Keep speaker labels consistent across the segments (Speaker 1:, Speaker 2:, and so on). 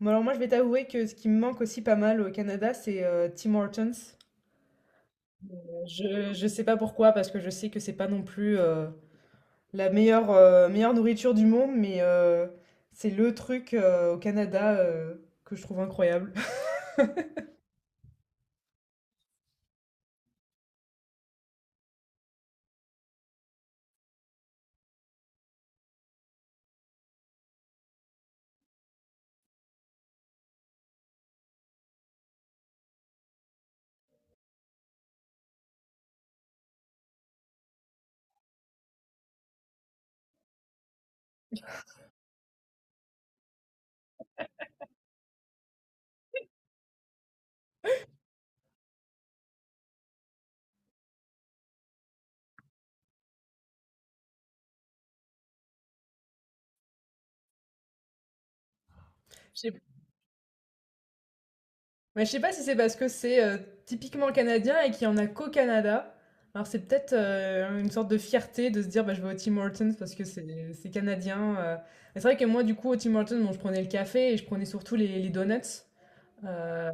Speaker 1: Bon, alors moi, je vais t'avouer que ce qui me manque aussi pas mal au Canada, c'est Tim Hortons. Je sais pas pourquoi, parce que je sais que c'est pas non plus la meilleure nourriture du monde, mais c'est le truc au Canada, que je trouve incroyable. Je sais, mais je sais pas si c'est parce que c'est typiquement canadien et qu'il y en a qu'au Canada. Alors c'est peut-être une sorte de fierté de se dire bah, je vais au Tim Hortons parce que c'est canadien. Mais c'est vrai que moi du coup au Tim Hortons bon, je prenais le café et je prenais surtout les donuts. Euh,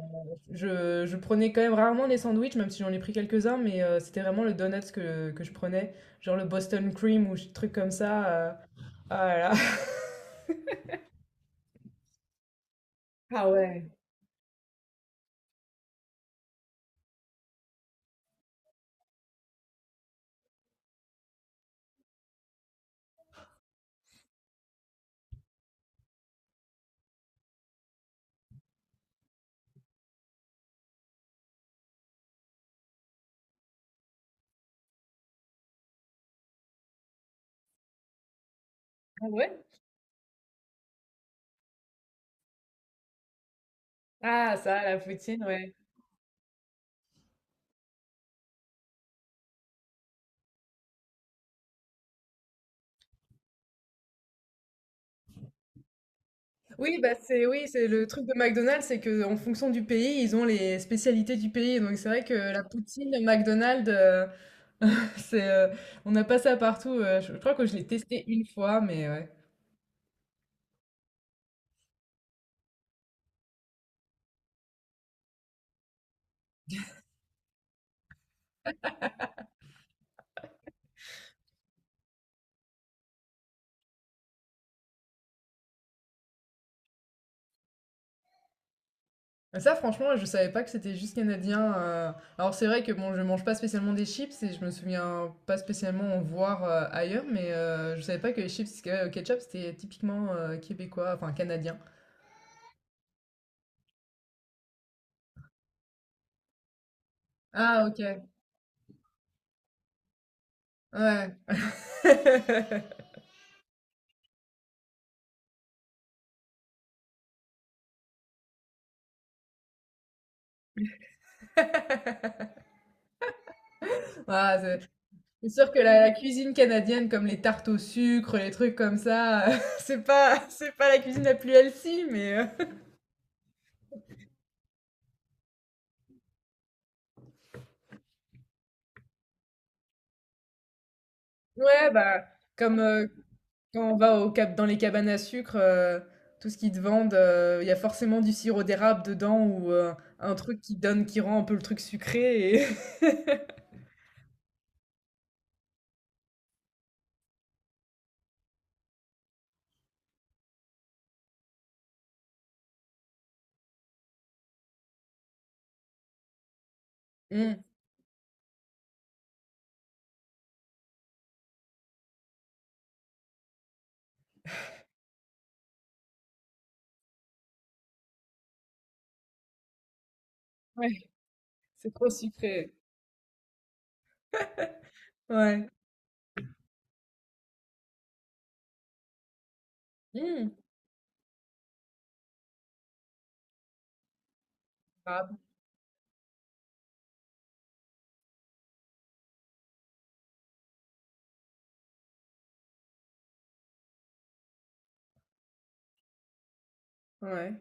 Speaker 1: je prenais quand même rarement des sandwichs, même si j'en ai pris quelques-uns, mais c'était vraiment le donuts que je prenais, genre le Boston Cream ou des trucs comme ça. Là là. Ah ouais? Ah ça, la poutine, ouais. Oui, bah c'est oui, c'est le truc de McDonald's, c'est que en fonction du pays, ils ont les spécialités du pays. Donc c'est vrai que la poutine de McDonald's, c'est, on n'a pas ça partout. Je crois que je l'ai testé une fois, mais ouais. Ah, ça, franchement, je savais pas que c'était juste canadien. Alors, c'est vrai que bon, je mange pas spécialement des chips et je me souviens pas spécialement en voir ailleurs, mais je savais pas que les chips au ketchup c'était typiquement québécois, enfin canadien. Ah, ok. Ouais. Ah, c'est sûr que la cuisine canadienne, comme les tartes au sucre, les trucs comme ça, c'est pas la cuisine la plus healthy, mais ouais, bah, comme, quand on va au cap dans les cabanes à sucre, tout ce qu'ils te vendent, il y a forcément du sirop d'érable dedans ou, un truc qui donne qui rend un peu le truc sucré et mmh, ouais, c'est trop sucré. Ouais. Mmh, d'érable, ouais.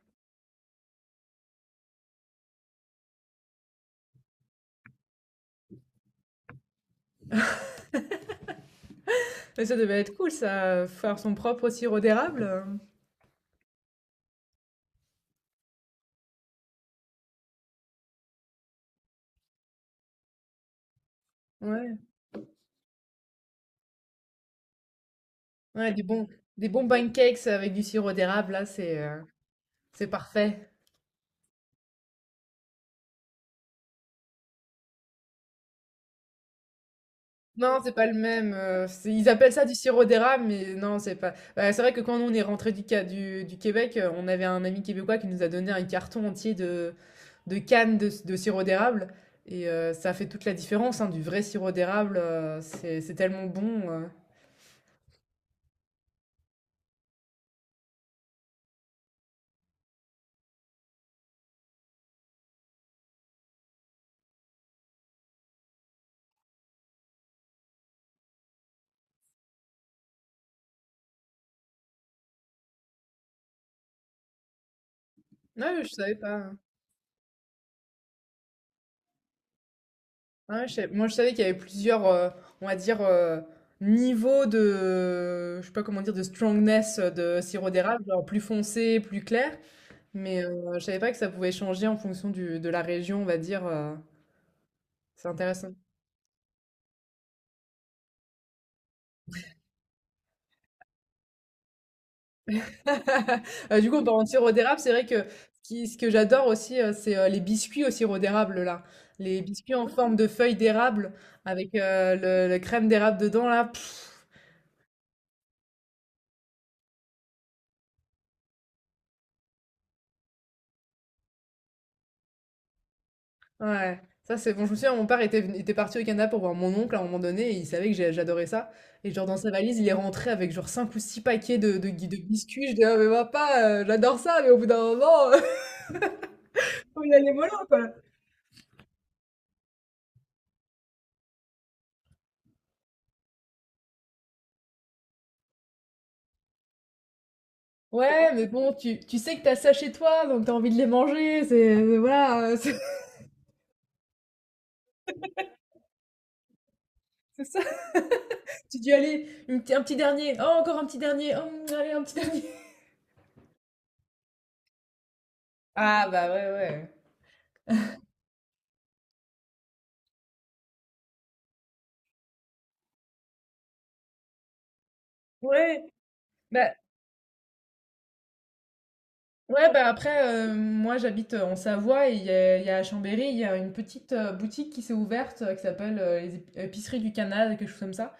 Speaker 1: Mais ça devait être cool ça, faire son propre sirop d'érable, ouais. Ouais, des bons pancakes avec du sirop d'érable là, c'est parfait. Non, c'est pas le même. C'est- ils appellent ça du sirop d'érable, mais non, c'est pas. Bah, c'est vrai que quand on est rentré du, Ca- du Québec, on avait un ami québécois qui nous a donné un carton entier de cannes de sirop d'érable. Et ça fait toute la différence, hein, du vrai sirop d'érable. C'est tellement bon. Ouais, je savais pas. Hein. Ouais, je savais- moi, je savais qu'il y avait plusieurs, on va dire, niveaux de, je sais pas comment dire, de strongness de sirop d'érable, genre plus foncé, plus clair. Mais je savais pas que ça pouvait changer en fonction du, de la région, on va dire. C'est intéressant. Du coup, on peut en sirop d'érable. C'est vrai que ce qui- ce que j'adore aussi, c'est les biscuits au sirop d'érable, là. Les biscuits en forme de feuilles d'érable avec le, la crème d'érable dedans, là. Pff, ouais. Ça, c'est bon. Je me souviens, mon père était, venu- était parti au Canada pour voir mon oncle à un moment donné et il savait que j'ai- j'adorais ça. Et genre, dans sa valise, il est rentré avec genre 5 ou 6 paquets de biscuits. Je dis, ah, mais papa, j'adore ça, mais au bout d'un moment, faut y aller mollo, quoi. Ouais, mais bon, tu sais que t'as ça chez toi, donc t'as envie de les manger, c'est... voilà, c'est c'est ça. Tu dis, allez, une p- un petit dernier, oh, encore un petit dernier, oh, allez, un petit dernier. Ah bah ouais, ouais. Ouais, bah, ouais, bah, après, moi j'habite, en Savoie et il y a à Chambéry, il y a une petite boutique qui s'est ouverte, qui s'appelle, les ép épiceries du Canada, quelque chose comme ça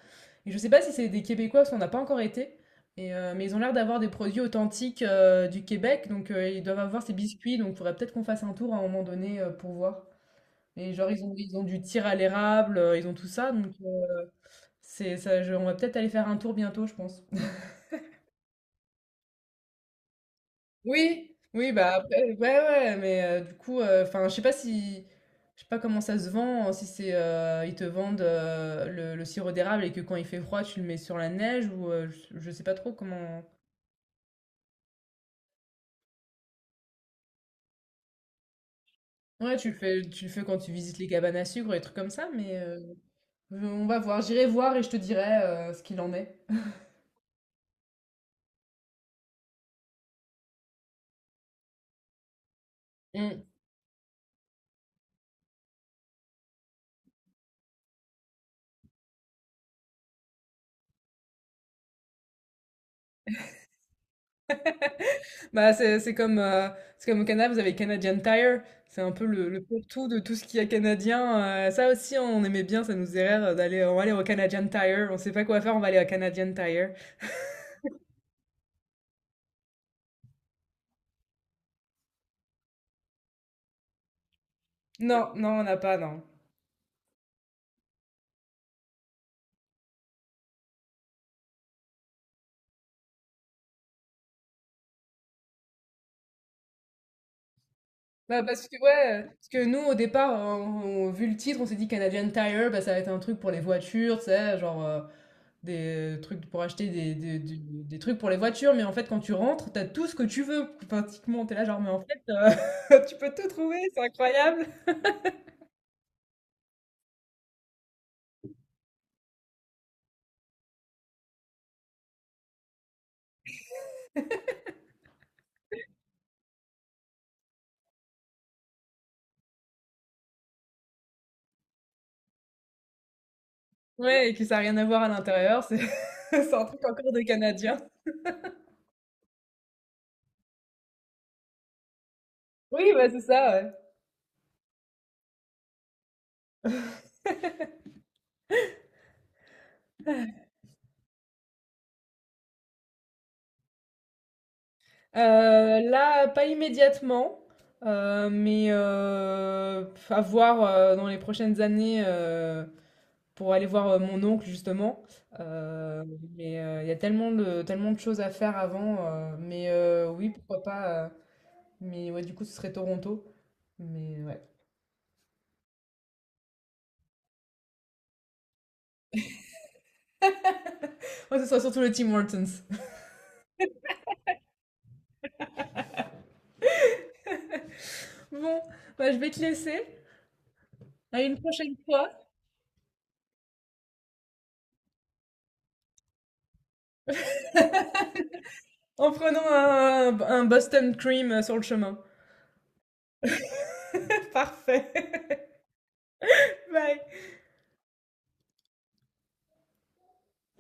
Speaker 1: et je sais pas si c'est des Québécois parce qu'on n'a pas encore été et mais ils ont l'air d'avoir des produits authentiques, du Québec donc ils doivent avoir ces biscuits donc il faudrait peut-être qu'on fasse un tour à un moment donné, pour voir et genre ils ont du tir à l'érable, ils ont tout ça donc c'est ça je on va peut-être aller faire un tour bientôt, je pense. Oui, oui, bah, après, ouais, ouais, mais du coup, enfin, je sais pas si, je sais pas comment ça se vend, si c'est, ils te vendent le sirop d'érable et que quand il fait froid, tu le mets sur la neige ou euh, je sais pas trop comment. Ouais, tu le fais quand tu visites les cabanes à sucre et des trucs comme ça, mais on va voir, j'irai voir et je te dirai ce qu'il en est. Mm. Bah, c'est comme, c'est comme au Canada, vous avez Canadian Tire, c'est un peu le tout de tout ce qu'il y a canadien. Ça aussi, on aimait bien, ça nous faisait rire d'aller, on va aller au Canadian Tire, on sait pas quoi faire, on va aller au Canadian Tire. Non, non, on n'a pas, non. Bah, parce que, ouais, parce que nous, au départ, on- vu le titre, on s'est dit Canadian Tire, bah, ça va être un truc pour les voitures, tu sais, genre des trucs pour acheter des trucs pour les voitures, mais en fait, quand tu rentres, t'as tout ce que tu veux, pratiquement. T'es là, genre, mais en fait, tu peux tout trouver, c'est incroyable. Ouais, et que ça a rien à voir à l'intérieur, c'est c'est un truc encore de Canadiens. Oui, bah c'est ça, ouais. Là, pas immédiatement, mais à voir, dans les prochaines années, pour aller voir, mon oncle justement. Heu, mais il y a tellement de choses à faire avant, mais oui, pourquoi pas, mais ouais, du coup, ce serait Toronto. Mais ouais. Moi, ce sera surtout le Tim Hortons. Bon, bah, je vais te laisser. À une prochaine fois. En prenant un Boston Cream sur le chemin. Parfait. Bye.